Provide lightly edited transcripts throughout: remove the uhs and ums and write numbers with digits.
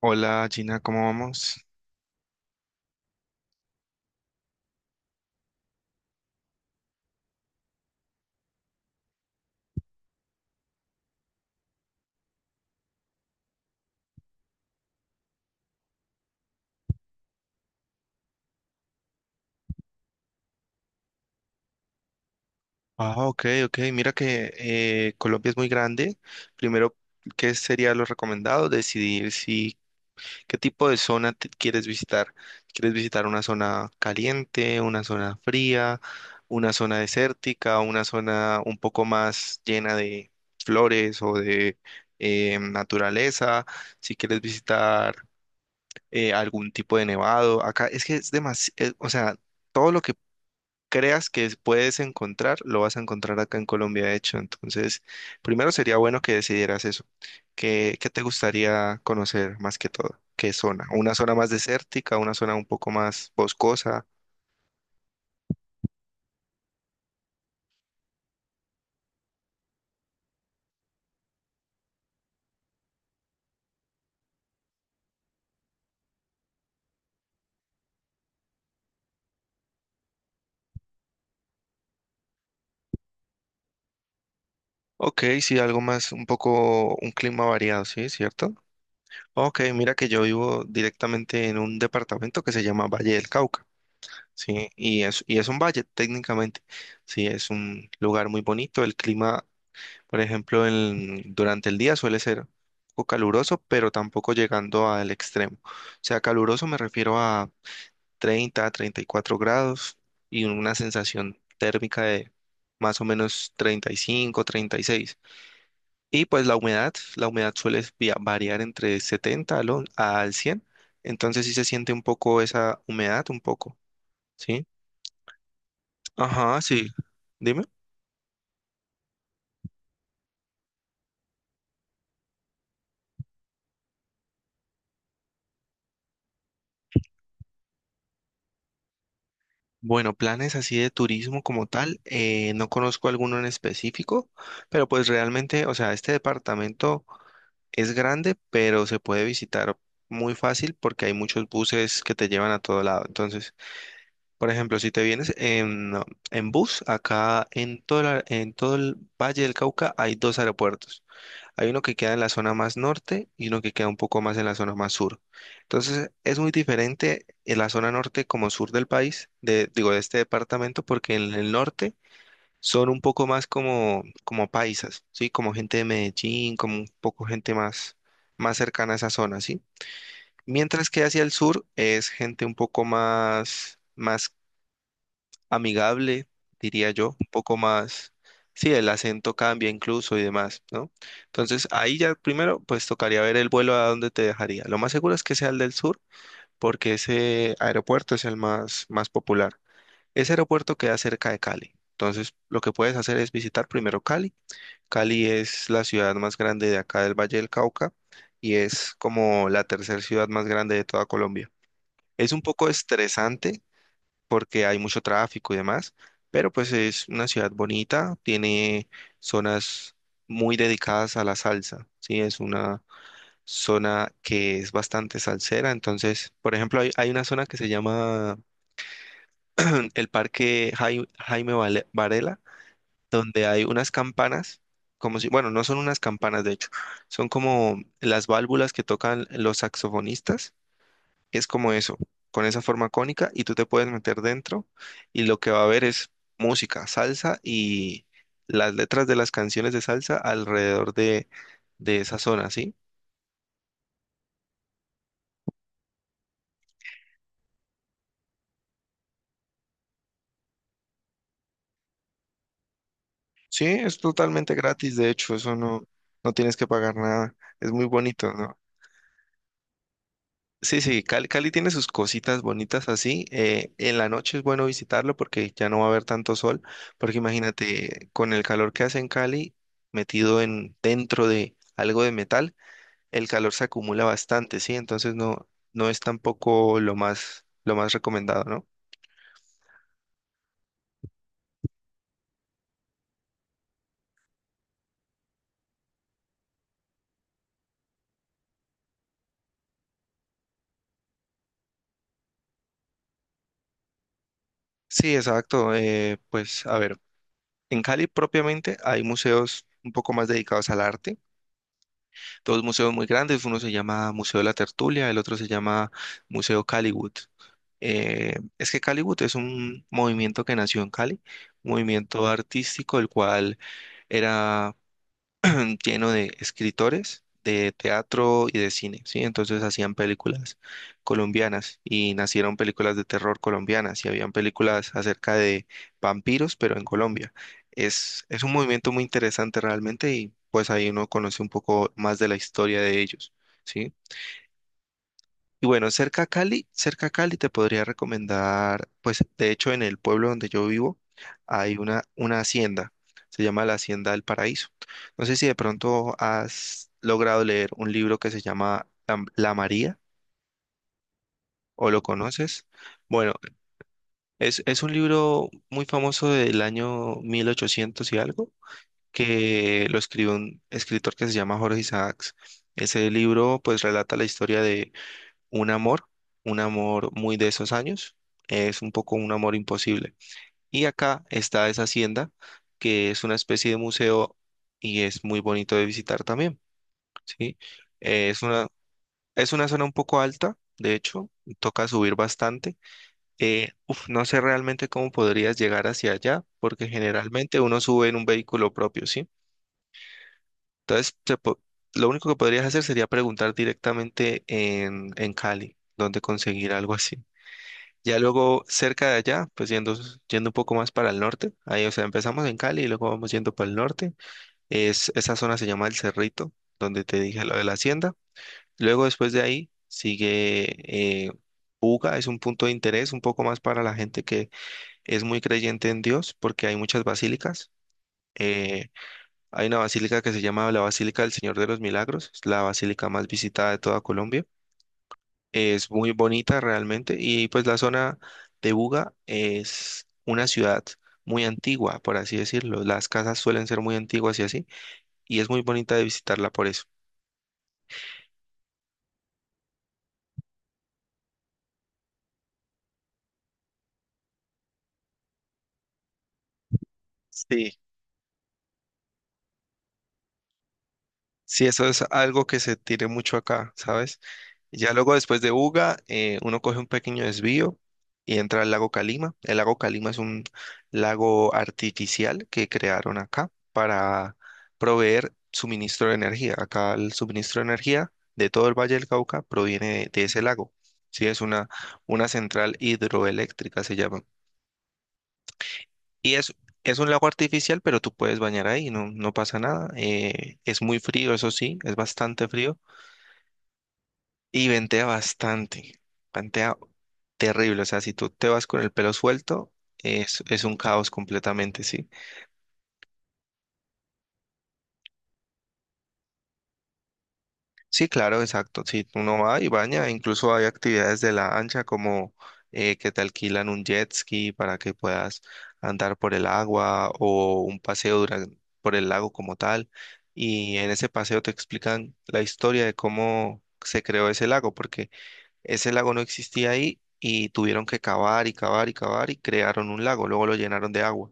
Hola Gina, ¿cómo vamos? Ah, ok, ok. Mira que Colombia es muy grande. Primero, ¿qué sería lo recomendado? Decidir si qué tipo de zona te quieres visitar. ¿Quieres visitar una zona caliente, una zona fría, una zona desértica, una zona un poco más llena de flores o de naturaleza? Si quieres visitar algún tipo de nevado. Acá es que es demasiado, o sea, todo lo que creas que puedes encontrar, lo vas a encontrar acá en Colombia, de hecho. Entonces, primero sería bueno que decidieras eso. ¿Qué te gustaría conocer más que todo? ¿Qué zona? ¿Una zona más desértica, una zona un poco más boscosa? Ok, sí, algo más, un poco, un clima variado, ¿sí? ¿Cierto? Ok, mira que yo vivo directamente en un departamento que se llama Valle del Cauca, ¿sí? Y es un valle técnicamente, ¿sí? Es un lugar muy bonito, el clima. Por ejemplo, durante el día suele ser un poco caluroso, pero tampoco llegando al extremo. O sea, caluroso me refiero a 30, 34 grados y una sensación térmica de más o menos 35, 36. Y seis. Y pues la humedad suele variar entre 70 al, al 100. Entonces sí se siente un poco esa humedad, un poco, ¿sí? Ajá, sí. Dime. Bueno, planes así de turismo como tal, no conozco alguno en específico, pero pues realmente, o sea, este departamento es grande, pero se puede visitar muy fácil porque hay muchos buses que te llevan a todo lado. Entonces, por ejemplo, si te vienes en bus, acá en todo, en todo el Valle del Cauca hay dos aeropuertos. Hay uno que queda en la zona más norte y uno que queda un poco más en la zona más sur. Entonces, es muy diferente en la zona norte como sur del país, de, digo, de este departamento, porque en el norte son un poco más como, como paisas, ¿sí? Como gente de Medellín, como un poco gente más, más cercana a esa zona, ¿sí? Mientras que hacia el sur es gente un poco más, más amigable, diría yo, un poco más, sí, el acento cambia incluso y demás, ¿no? Entonces ahí ya primero, pues tocaría ver el vuelo a dónde te dejaría. Lo más seguro es que sea el del sur, porque ese aeropuerto es el más, más popular. Ese aeropuerto queda cerca de Cali. Entonces lo que puedes hacer es visitar primero Cali. Cali es la ciudad más grande de acá del Valle del Cauca y es como la tercera ciudad más grande de toda Colombia. Es un poco estresante porque hay mucho tráfico y demás, pero pues es una ciudad bonita, tiene zonas muy dedicadas a la salsa, ¿sí? Es una zona que es bastante salsera, entonces, por ejemplo, hay una zona que se llama el Jaime Varela, donde hay unas campanas, como si, bueno, no son unas campanas de hecho, son como las válvulas que tocan los saxofonistas, es como eso, con esa forma cónica y tú te puedes meter dentro y lo que va a haber es música, salsa y las letras de las canciones de salsa alrededor de esa zona, ¿sí? Sí, es totalmente gratis, de hecho, eso no, no tienes que pagar nada, es muy bonito, ¿no? Sí, sí, Cali, Cali tiene sus cositas bonitas así. En la noche es bueno visitarlo porque ya no va a haber tanto sol, porque imagínate, con el calor que hace en Cali, metido en dentro de algo de metal, el calor se acumula bastante, ¿sí? Entonces no, no es tampoco lo más, lo más recomendado, ¿no? Sí, exacto. Pues a ver, en Cali propiamente hay museos un poco más dedicados al arte, dos museos muy grandes, uno se llama Museo de la Tertulia, el otro se llama Museo Caliwood. Es que Caliwood es un movimiento que nació en Cali, un movimiento artístico, el cual era lleno de escritores de teatro y de cine, ¿sí? Entonces hacían películas colombianas y nacieron películas de terror colombianas y habían películas acerca de vampiros, pero en Colombia. Es un movimiento muy interesante realmente y pues ahí uno conoce un poco más de la historia de ellos, ¿sí? Y bueno, cerca a Cali te podría recomendar, pues de hecho en el pueblo donde yo vivo hay una hacienda, se llama la Hacienda del Paraíso. No sé si de pronto has logrado leer un libro que se llama La María o lo conoces. Bueno, es un libro muy famoso del año 1800 y algo, que lo escribió un escritor que se llama Jorge Isaacs. Ese libro pues relata la historia un amor, un amor muy de esos años, es un poco un amor imposible. Y acá está esa hacienda, que es una especie de museo y es muy bonito de visitar también, ¿sí? Es una, es una zona un poco alta, de hecho, toca subir bastante. No sé realmente cómo podrías llegar hacia allá, porque generalmente uno sube en un vehículo propio, ¿sí? Entonces, lo único que podrías hacer sería preguntar directamente en Cali, dónde conseguir algo así. Ya luego cerca de allá, pues yendo un poco más para el norte, ahí, o sea, empezamos en Cali y luego vamos yendo para el norte. Es, esa zona se llama El Cerrito, donde te dije lo de la hacienda. Luego después de ahí sigue Buga, es un punto de interés un poco más para la gente que es muy creyente en Dios, porque hay muchas basílicas. Eh, Hay una basílica que se llama la Basílica del Señor de los Milagros, es la basílica más visitada de toda Colombia. Es muy bonita realmente y pues la zona de Buga es una ciudad muy antigua, por así decirlo. Las casas suelen ser muy antiguas y así, y es muy bonita de visitarla por eso. Sí. Sí, eso es algo que se tiene mucho acá, ¿sabes? Ya luego después de Uga, uno coge un pequeño desvío y entra al lago Calima. El lago Calima es un lago artificial que crearon acá para proveer suministro de energía. Acá el suministro de energía de todo el Valle del Cauca proviene de ese lago. Sí, es una central hidroeléctrica, se llama. Y es un lago artificial, pero tú puedes bañar ahí, no, no pasa nada. Es muy frío, eso sí, es bastante frío. Y ventea bastante, ventea terrible, o sea, si tú te vas con el pelo suelto, es un caos completamente, sí. Sí, claro, exacto, sí, uno va y baña, incluso hay actividades de la ancha como que te alquilan un jet ski para que puedas andar por el agua o un paseo por el lago como tal, y en ese paseo te explican la historia de cómo se creó ese lago, porque ese lago no existía ahí y tuvieron que cavar y cavar y cavar y crearon un lago, luego lo llenaron de agua.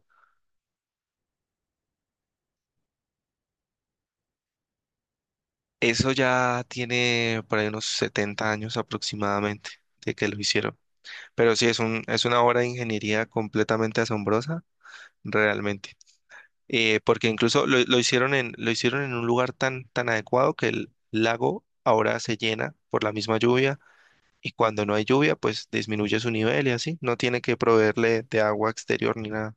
Eso ya tiene por ahí unos 70 años aproximadamente de que lo hicieron. Pero sí, es un, es una obra de ingeniería completamente asombrosa, realmente. Porque incluso lo hicieron en un lugar tan, tan adecuado que el lago ahora se llena por la misma lluvia y cuando no hay lluvia, pues disminuye su nivel y así. No tiene que proveerle de agua exterior ni nada.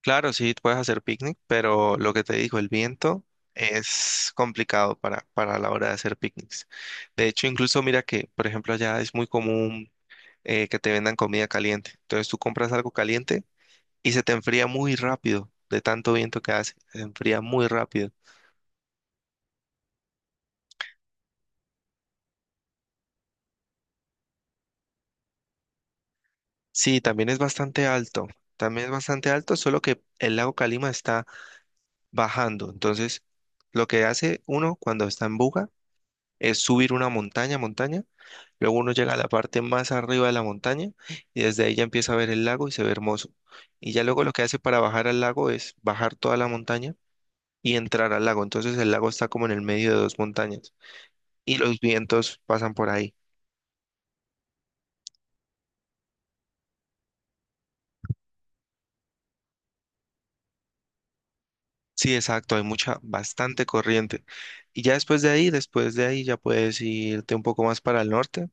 Claro, sí, puedes hacer picnic, pero lo que te dijo, el viento es complicado para la hora de hacer picnics. De hecho, incluso mira que, por ejemplo, allá es muy común que te vendan comida caliente. Entonces tú compras algo caliente y se te enfría muy rápido de tanto viento que hace. Se enfría muy rápido. Sí, también es bastante alto. También es bastante alto, solo que el lago Calima está bajando. Entonces, lo que hace uno cuando está en Buga es subir una montaña, montaña. Luego uno llega a la parte más arriba de la montaña y desde ahí ya empieza a ver el lago y se ve hermoso. Y ya luego lo que hace para bajar al lago es bajar toda la montaña y entrar al lago. Entonces el lago está como en el medio de dos montañas y los vientos pasan por ahí. Sí, exacto, hay mucha, bastante corriente. Y ya después de ahí ya puedes irte un poco más para el norte.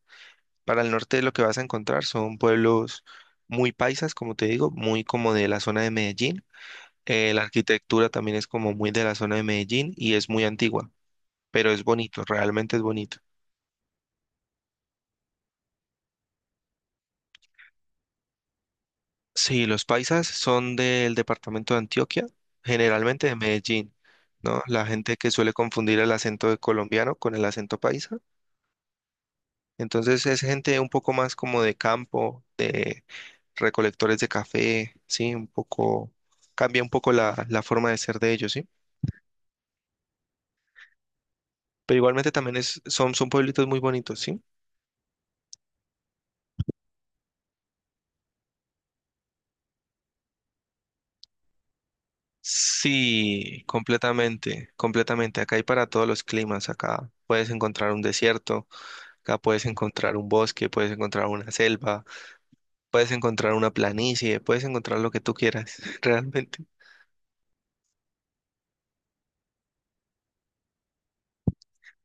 Para el norte lo que vas a encontrar son pueblos muy paisas, como te digo, muy como de la zona de Medellín. La arquitectura también es como muy de la zona de Medellín y es muy antigua, pero es bonito, realmente es bonito. Sí, los paisas son del departamento de Antioquia, generalmente de Medellín, ¿no? La gente que suele confundir el acento de colombiano con el acento paisa. Entonces es gente un poco más como de campo, de recolectores de café, sí, un poco, cambia un poco la forma de ser de ellos, sí. Pero igualmente también es, son, son pueblitos muy bonitos, sí. Sí, completamente, completamente. Acá hay para todos los climas. Acá puedes encontrar un desierto, acá puedes encontrar un bosque, puedes encontrar una selva, puedes encontrar una planicie, puedes encontrar lo que tú quieras. Realmente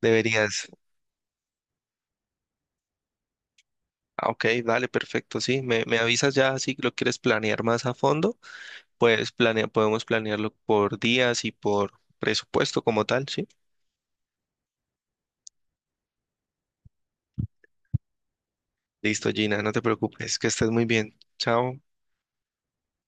deberías. Ah, ok, dale, perfecto. Sí, me avisas ya si lo quieres planear más a fondo. Pues planea, podemos planearlo por días y por presupuesto como tal, ¿sí? Listo, Gina, no te preocupes, que estés muy bien. Chao.